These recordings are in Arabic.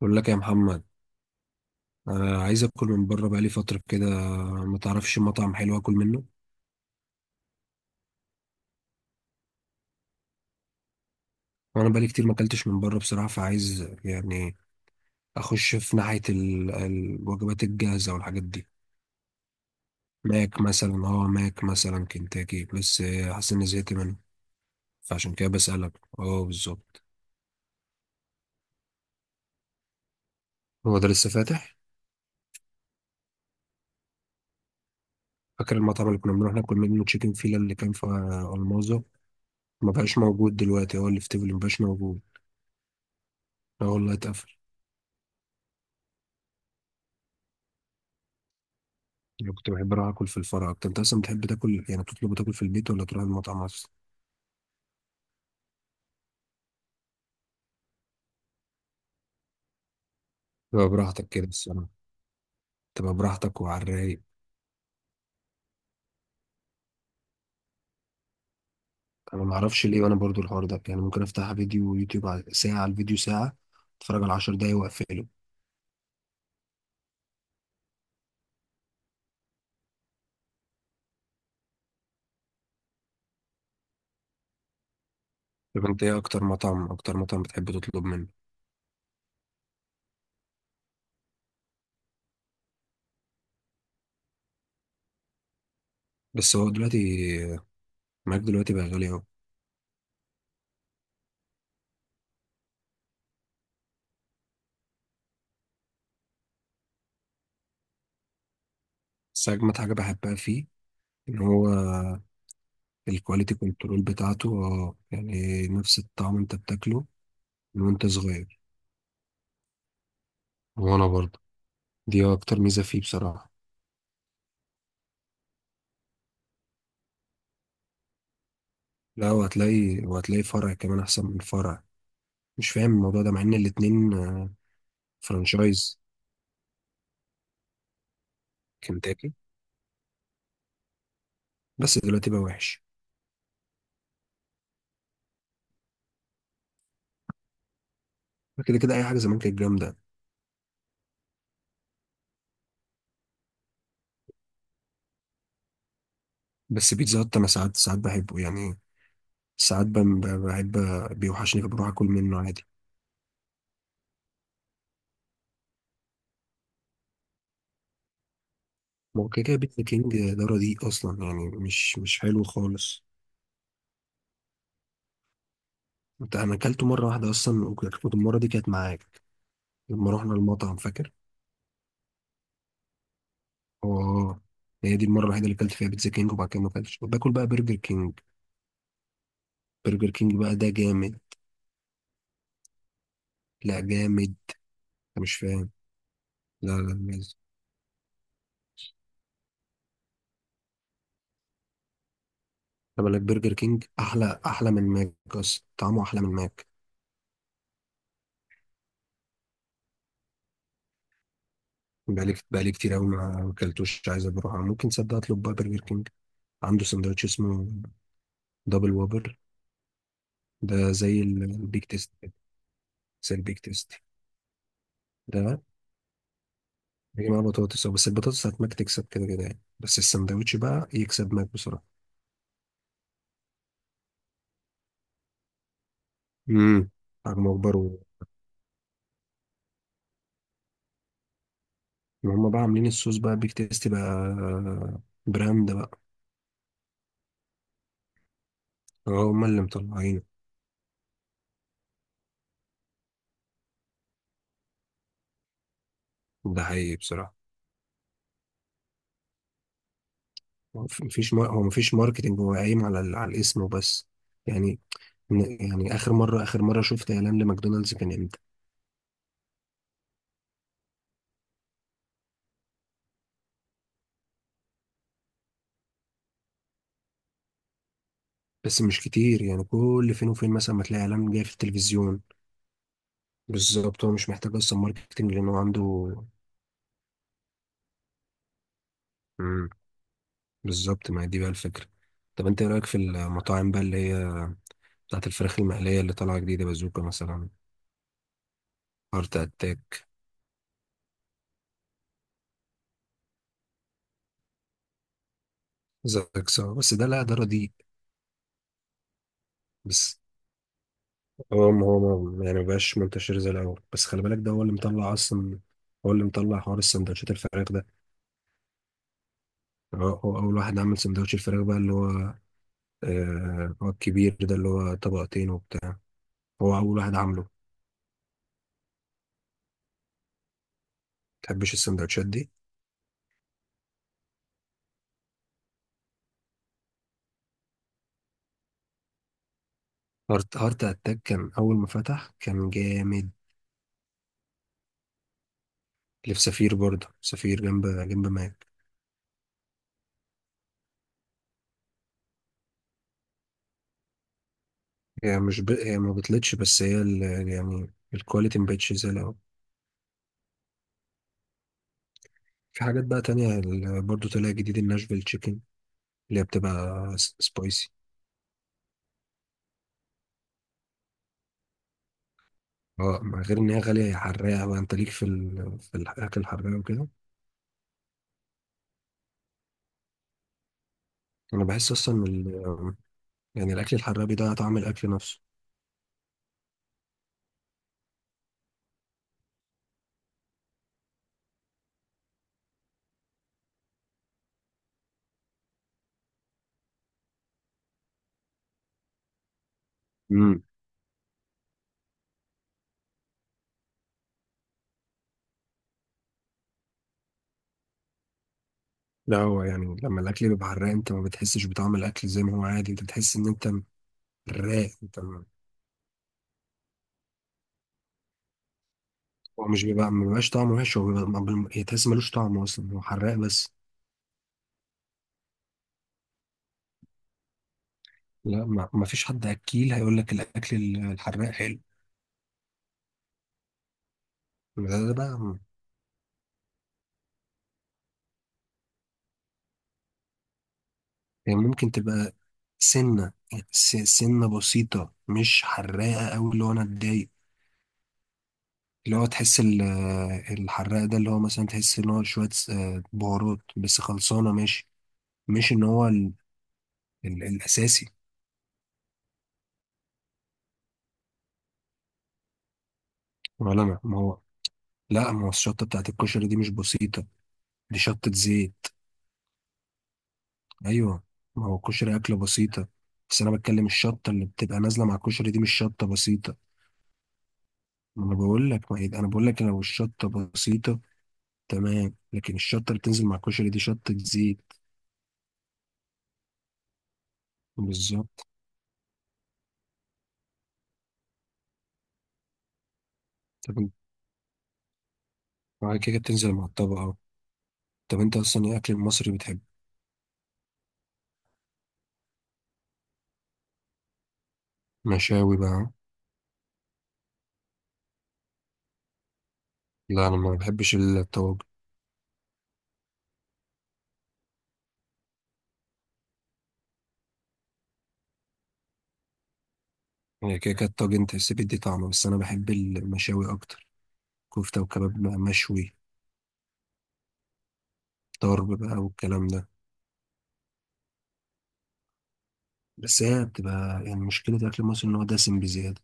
بقول لك يا محمد، انا عايز اكل من بره بقالي فتره كده. ما تعرفش مطعم حلو اكل منه؟ وانا بقالي كتير ما اكلتش من بره بصراحه، فعايز يعني اخش في ناحيه الوجبات الجاهزه والحاجات دي. ماك مثلا كنتاكي، بس حاسس اني زهقت منه. فعشان كده بسالك. اه بالظبط. هو ده لسه فاتح؟ فاكر المطعم اللي كنا بنروح ناكل منه تشيكن فيلا اللي كان في المازو؟ ما بقاش موجود دلوقتي، هو اللي في تيفلي ما بقاش موجود. اه والله اتقفل. أنا كنت بحب أروح آكل في الفرع أكتر. أنت أصلا بتحب تاكل، يعني تطلب تاكل في البيت ولا تروح المطعم أصلا؟ تبقى براحتك كده الصراحة. تبقى براحتك وعلى الرايق. أنا معرفش ليه، وأنا برضو الحوار ده يعني ممكن أفتح فيديو يوتيوب ساعة على الفيديو ساعة. أتفرج على عشر دقايق وأقفله. طب أنت إيه أكتر مطعم بتحب تطلب منه؟ بس هو دلوقتي، معاك دلوقتي بقى غالي أوي. بس أجمد حاجة بحبها فيه، إن هو الكواليتي كنترول بتاعته، اه يعني نفس الطعم أنت بتاكله من وأنت صغير. وأنا برضه، دي أكتر ميزة فيه بصراحة. لا وهتلاقي فرع كمان احسن من فرع. مش فاهم الموضوع ده مع ان الاتنين فرانشايز كنتاكي. بس دلوقتي بقى وحش. كده كده اي حاجه زمان كانت جامده. بس بيتزا هات انا ساعات، ساعات بحبه يعني. ساعات بحب بيوحشني فبروح اكل منه عادي. ما هو كده كده بيتزا كينج ده رديء اصلا، يعني مش حلو خالص. انت انا اكلته مره واحده اصلا، وكانت المره دي كانت معاك لما رحنا المطعم، فاكر؟ اه، هي دي المره الوحيده اللي اكلت فيها بيتزا كينج، وبعد كده ما اكلتش، باكل بقى برجر كينج. برجر كينج بقى ده جامد. لا جامد. أنا مش فاهم. لا لا لازم. طب أنا برجر كينج أحلى، أحلى من ماك أصلا، طعمه أحلى من ماك. بقالي كتير أوي ما أكلتوش، عايز أروح. ممكن تصدق أطلب بقى برجر كينج. عنده سندوتش اسمه دبل وابر. ده زي البيك تيست كده، زي البيك تيست. ده بيجي معاه بطاطس، أو بس البطاطس بتاعت ماك تكسب كده كده يعني، بس السندوتش بقى يكسب ماك بصراحة. امم. حجمه أكبر وهم بقى عاملين الصوص بقى بيك تيست بقى، براند بقى. اه هما اللي مطلعينه. ده حقيقي بصراحة. هو مف- مفيش مار... هو مفيش ماركتينج، هو قايم على الاسم وبس. يعني يعني آخر مرة شفت إعلان لماكدونالدز كان إمتى؟ بس مش كتير يعني، كل فين وفين مثلا ما تلاقي إعلان جاي في التلفزيون. بالظبط هو مش محتاج أصلا ماركتينج، لأن هو عنده. مم. بالظبط ما هي دي بقى الفكرة. طب أنت إيه رأيك في المطاعم بقى اللي هي بتاعت الفراخ المقلية اللي طالعة جديدة، بازوكا مثلا؟ هارت أتاك. زاكسا، بس ده لا ده رديء. بس هو يعني مبقاش منتشر زي الأول، بس خلي بالك ده هو اللي مطلع أصلا. هو اللي مطلع حوار السندوتشات الفراخ ده. هو أول واحد عمل سندوتش الفراخ بقى اللي هو، آه هو الكبير ده اللي هو طبقتين وبتاع. هو أول واحد عامله. متحبش السندوتشات دي؟ هارت أتاك كان أول ما فتح كان جامد. اللي في سفير برضه، سفير جنب جنب ماك. هي ما بتلتش، بس هي يعني الكواليتي مبقتش زي الأول. في حاجات بقى تانية برضه طلع جديد الناشفيل تشيكن، اللي هي بتبقى سبايسي. اه، مع غير ان هي غاليه، هي حراقه بقى، انت ليك في الاكل الحراق وكده؟ انا بحس اصلا ان يعني الاكل الحراق بيضيع طعم الاكل نفسه. امم. لا هو يعني لما الاكل بيبقى حراق انت ما بتحسش بطعم الاكل زي ما هو عادي، انت بتحس ان انت حراق، انت ما- هو مش بيبقى ما بيبقاش طعمه وحش، هو بيبقى ما بال- تحس ملوش طعم اصلا، هو حراق بس. لا ما فيش حد اكيل هيقول لك الاكل الحراق حلو. ده بقى يعني ممكن تبقى سنه يعني سنه بسيطه مش حراقه قوي اللي هو انا اتضايق. اللي هو تحس الحراق ده اللي هو مثلا تحس ان هو شوية بهارات بس خلصانة ماشي. مش ان هو ال ال الاساسي. ولا ما هو. لا ما هو الشطة بتاعت الكشري دي مش بسيطة، دي شطة زيت. ايوه. ما هو الكشري اكلة بسيطة، بس انا بتكلم الشطة اللي بتبقى نازلة مع الكشري دي مش شطة بسيطة. ما انا بقول لك ما هي- انا بقول لك لو الشطة بسيطة تمام، لكن الشطة اللي بتنزل مع الكشري دي شطة زيت. بالظبط. طب انت- بعد كده بتنزل مع الطبق أهو. طب انت اصلا ايه اكل المصري بتحبه؟ مشاوي بقى. لا انا ما بحبش الطواجن. يعني كده كده الطاجن تحس بيدي طعم، بس انا بحب المشاوي اكتر. كفته وكباب بقى مشوي. طرب بقى والكلام ده. بس هي بتبقى يعني مشكله الاكل المصري ان هو دسم بزياده.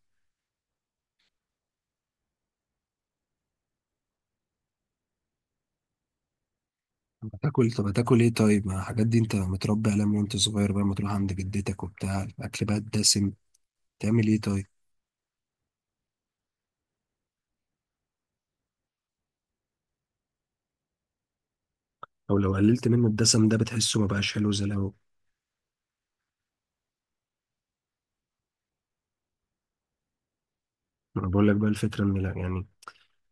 طب هتاكل ايه طيب؟ ما الحاجات دي انت متربي عليها من وانت صغير بقى، ما تروح عند جدتك وبتاع، الاكل بقى الدسم. تعمل ايه طيب؟ او لو قللت منه الدسم ده بتحسه ما بقاش حلو زي الاول. ما أنا بقول لك بقى الفكره ان لا يعني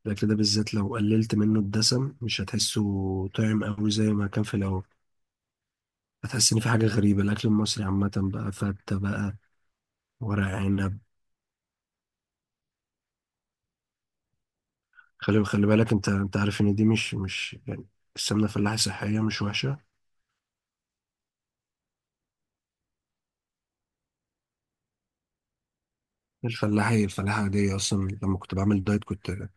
الاكل ده بالذات لو قللت منه الدسم مش هتحسه طعم قوي زي ما كان في الاول. هتحس ان في حاجه غريبه. الاكل المصري عامه بقى فته بقى ورق عنب. خلي بالك انت عارف ان دي مش يعني السمنه الفلاحي صحيه مش وحشه. الفلاحي الفلاحه عاديه اصلا، لما كنت بعمل دايت كنت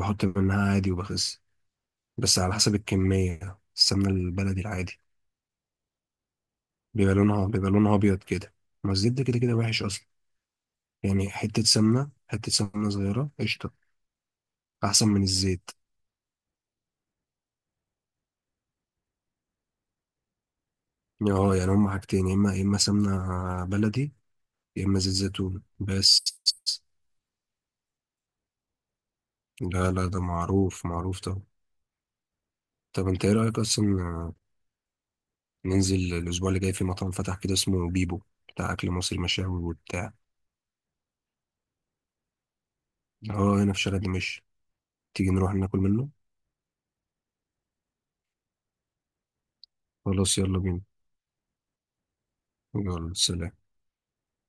بحط منها عادي وبخس، بس على حسب الكميه. السمنه البلدي العادي بيبقى لونها ابيض كده. ما الزيت ده كده كده وحش اصلا. يعني حته سمنه صغيره قشطه احسن من الزيت. اه يعني هما حاجتين يا اما سمنه بلدي يا اما زيت زيتون بس. لا لا ده معروف معروف طبعا. طب انت ايه رأيك اصلا ننزل الاسبوع اللي جاي في مطعم فتح كده اسمه بيبو، بتاع اكل مصري مشاوي وبتاع. اه هنا في شارع دمشق. تيجي نروح ناكل منه. خلاص يلا بينا. يلا سلام.